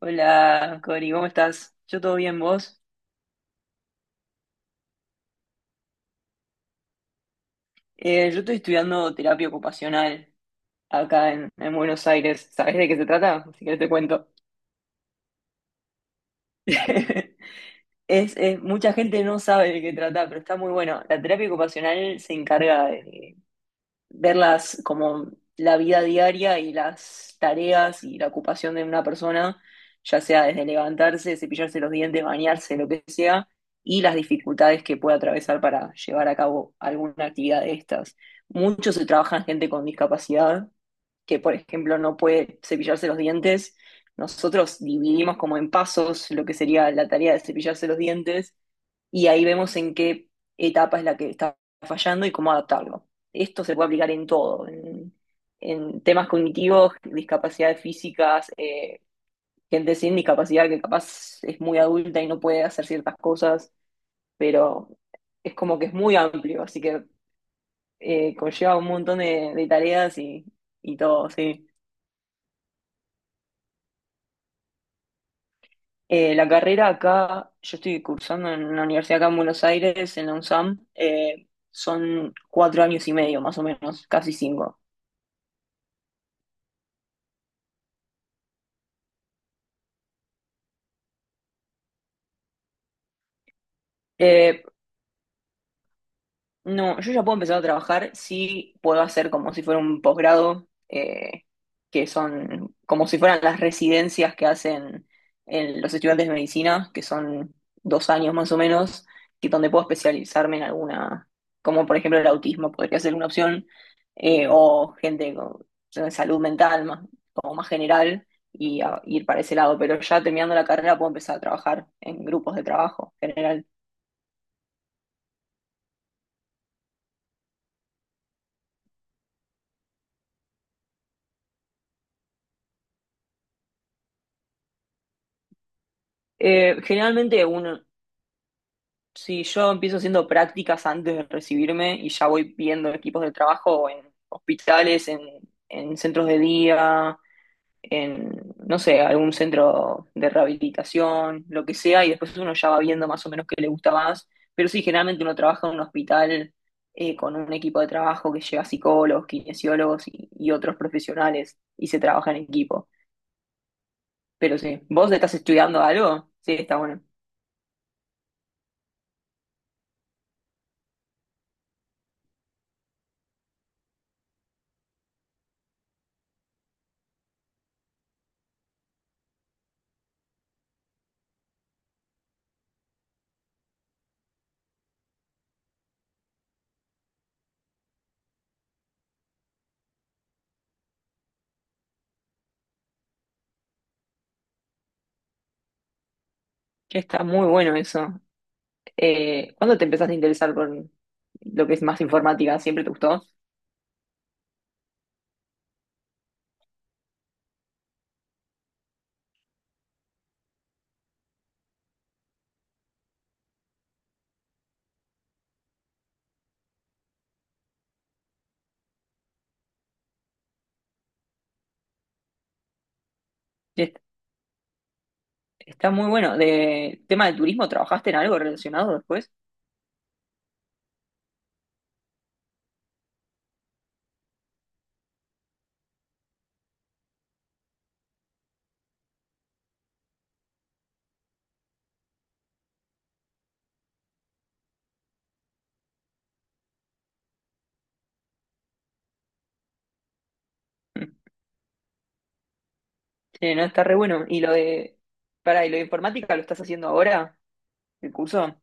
Hola, Cori, ¿cómo estás? Yo todo bien, ¿vos? Yo estoy estudiando terapia ocupacional acá en Buenos Aires. ¿Sabés de qué se trata? Si querés te cuento. Mucha gente no sabe de qué trata, pero está muy bueno. La terapia ocupacional se encarga de verlas como la vida diaria y las tareas y la ocupación de una persona, ya sea desde levantarse, cepillarse los dientes, bañarse, lo que sea, y las dificultades que puede atravesar para llevar a cabo alguna actividad de estas. Mucho se trabaja en gente con discapacidad, que por ejemplo no puede cepillarse los dientes. Nosotros dividimos como en pasos lo que sería la tarea de cepillarse los dientes y ahí vemos en qué etapa es la que está fallando y cómo adaptarlo. Esto se puede aplicar en todo, en temas cognitivos, discapacidades físicas, gente sin discapacidad que capaz es muy adulta y no puede hacer ciertas cosas, pero es como que es muy amplio, así que conlleva un montón de tareas y todo, sí. La carrera acá, yo estoy cursando en una universidad acá en Buenos Aires, en la UNSAM, son 4 años y medio más o menos, casi cinco. Eh, No, yo ya puedo empezar a trabajar si puedo hacer como si fuera un posgrado, que son como si fueran las residencias que hacen en los estudiantes de medicina, que son 2 años más o menos, que donde puedo especializarme en alguna, como por ejemplo el autismo, podría ser una opción, o gente con salud mental, más, como más general, y ir para ese lado. Pero ya terminando la carrera puedo empezar a trabajar en grupos de trabajo general. Generalmente uno Sí, yo empiezo haciendo prácticas antes de recibirme y ya voy viendo equipos de trabajo en hospitales, en centros de día, en, no sé, algún centro de rehabilitación, lo que sea, y después uno ya va viendo más o menos qué le gusta más. Pero sí, generalmente uno trabaja en un hospital con un equipo de trabajo que lleva psicólogos, kinesiólogos y otros profesionales y se trabaja en equipo. Pero sí, ¿vos estás estudiando algo? Sí, está bueno. Che, está muy bueno eso. ¿Cuándo te empezaste a interesar por lo que es más informática? ¿Siempre te gustó? Sí, está muy bueno. De tema de turismo, ¿trabajaste en algo relacionado después? Mm. Sí, no, está re bueno. ¿Y lo de, para, y lo de informática lo estás haciendo ahora, el curso?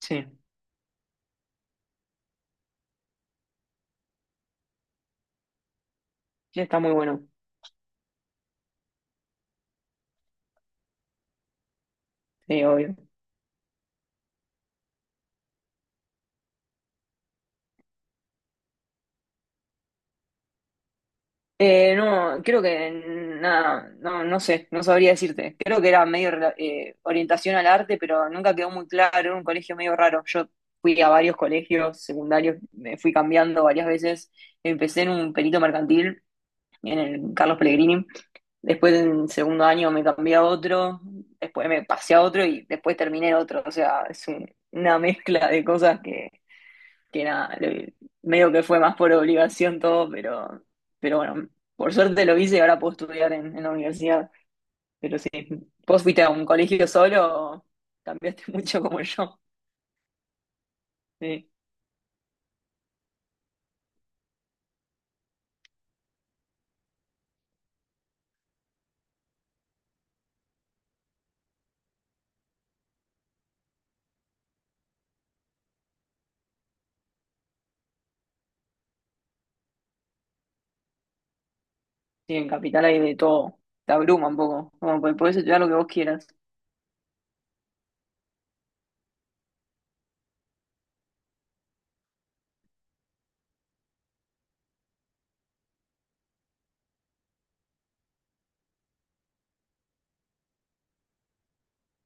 Sí, sí, está muy bueno. Sí, obvio. No, creo que nada, no, no sé, no sabría decirte. Creo que era medio orientación al arte, pero nunca quedó muy claro, era un colegio medio raro. Yo fui a varios colegios secundarios, me fui cambiando varias veces. Empecé en un perito mercantil, en el Carlos Pellegrini. Después, en segundo año, me cambié a otro, después me pasé a otro y después terminé en otro. O sea, es una mezcla de cosas que nada, medio que fue más por obligación todo, pero bueno, por suerte lo hice y ahora puedo estudiar en la universidad. Pero sí, ¿vos fuiste a un colegio solo o cambiaste mucho como yo? Sí, sí, en Capital hay de todo, te abruma un poco, como que podés estudiar lo que vos quieras.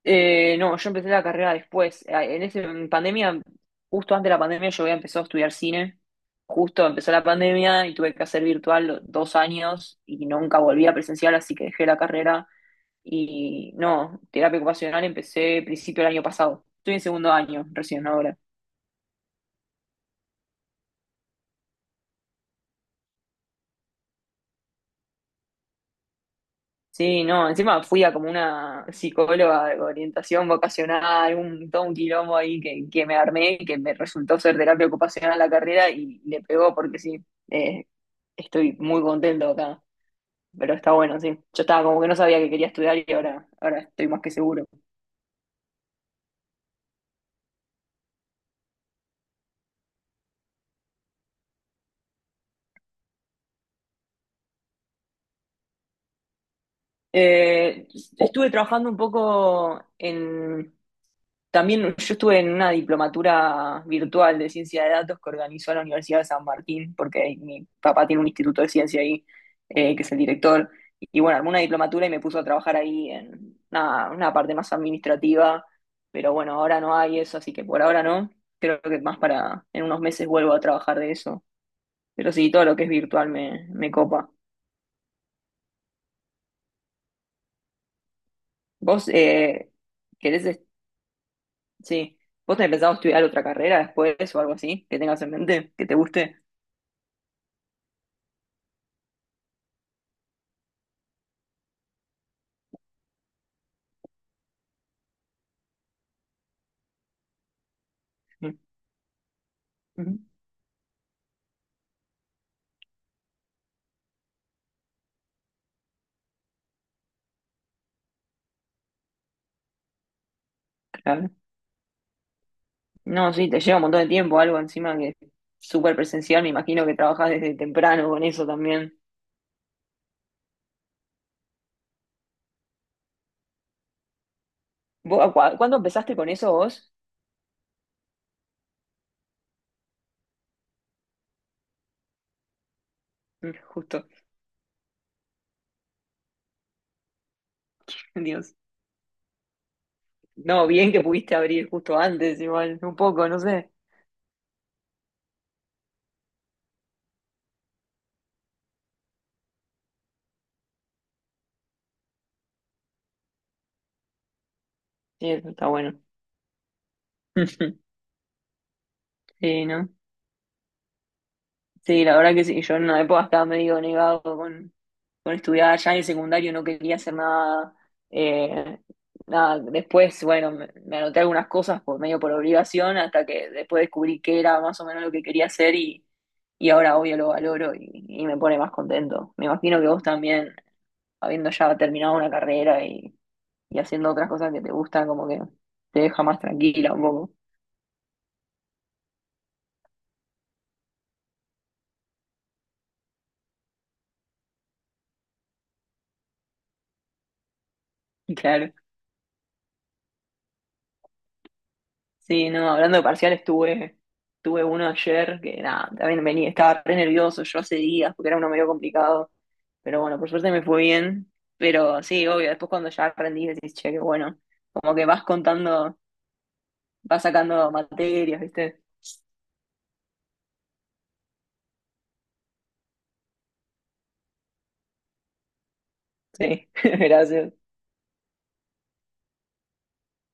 No, yo empecé la carrera después. En pandemia, justo antes de la pandemia, yo había empezado a estudiar cine. Justo empezó la pandemia y tuve que hacer virtual 2 años y nunca volví a presencial, así que dejé la carrera. Y no, terapia ocupacional empecé principio del año pasado. Estoy en segundo año, recién ahora. Sí, no, encima fui a como una psicóloga de orientación vocacional, un, todo un quilombo ahí que me armé, que me resultó ser terapia ocupacional la carrera y le pegó porque sí, eh, estoy muy contento acá, pero está bueno, sí. Yo estaba como que no sabía que quería estudiar y ahora, ahora estoy más que seguro. Eh, estuve trabajando un poco También yo estuve en una diplomatura virtual de ciencia de datos que organizó la Universidad de San Martín, porque mi papá tiene un instituto de ciencia ahí, que es el director. Y bueno, armó una diplomatura y me puso a trabajar ahí en una parte más administrativa, pero bueno, ahora no hay eso, así que por ahora no. Creo que más para en unos meses vuelvo a trabajar de eso. Pero sí, todo lo que es virtual me copa. ¿Vos querés Sí. ¿Vos tenés pensado estudiar otra carrera después o algo así que tengas en mente, que te guste? Mm, mm, Claro. No, sí, te lleva un montón de tiempo, algo encima que es súper presencial. Me imagino que trabajás desde temprano con eso también. ¿Vos, cuándo empezaste con eso vos? Justo. Dios. No, bien que pudiste abrir justo antes, igual, un poco, no sé. Sí, eso está bueno. Sí, ¿no? Sí, la verdad que sí, yo en una época estaba medio negado con estudiar, ya en el secundario no quería hacer nada, eh, nada. Después, bueno, me anoté algunas cosas por medio por obligación hasta que después descubrí qué era más o menos lo que quería hacer y ahora obvio lo valoro y me pone más contento. Me imagino que vos también, habiendo ya terminado una carrera y haciendo otras cosas que te gustan, como que te deja más tranquila un poco. Claro. Sí, no, hablando de parciales, tuve uno ayer que nada, también venía, estaba re nervioso yo hace días porque era uno medio complicado, pero bueno, por suerte me fue bien, pero sí, obvio, después cuando ya aprendí decís, che, qué bueno, como que vas contando, vas sacando materias, ¿viste? Sí, gracias.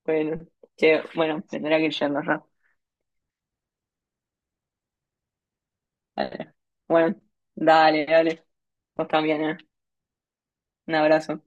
Bueno, che, bueno, me tendría que ir yendo ya. Dale. Bueno, dale, dale, vos también, ¿eh? Un abrazo.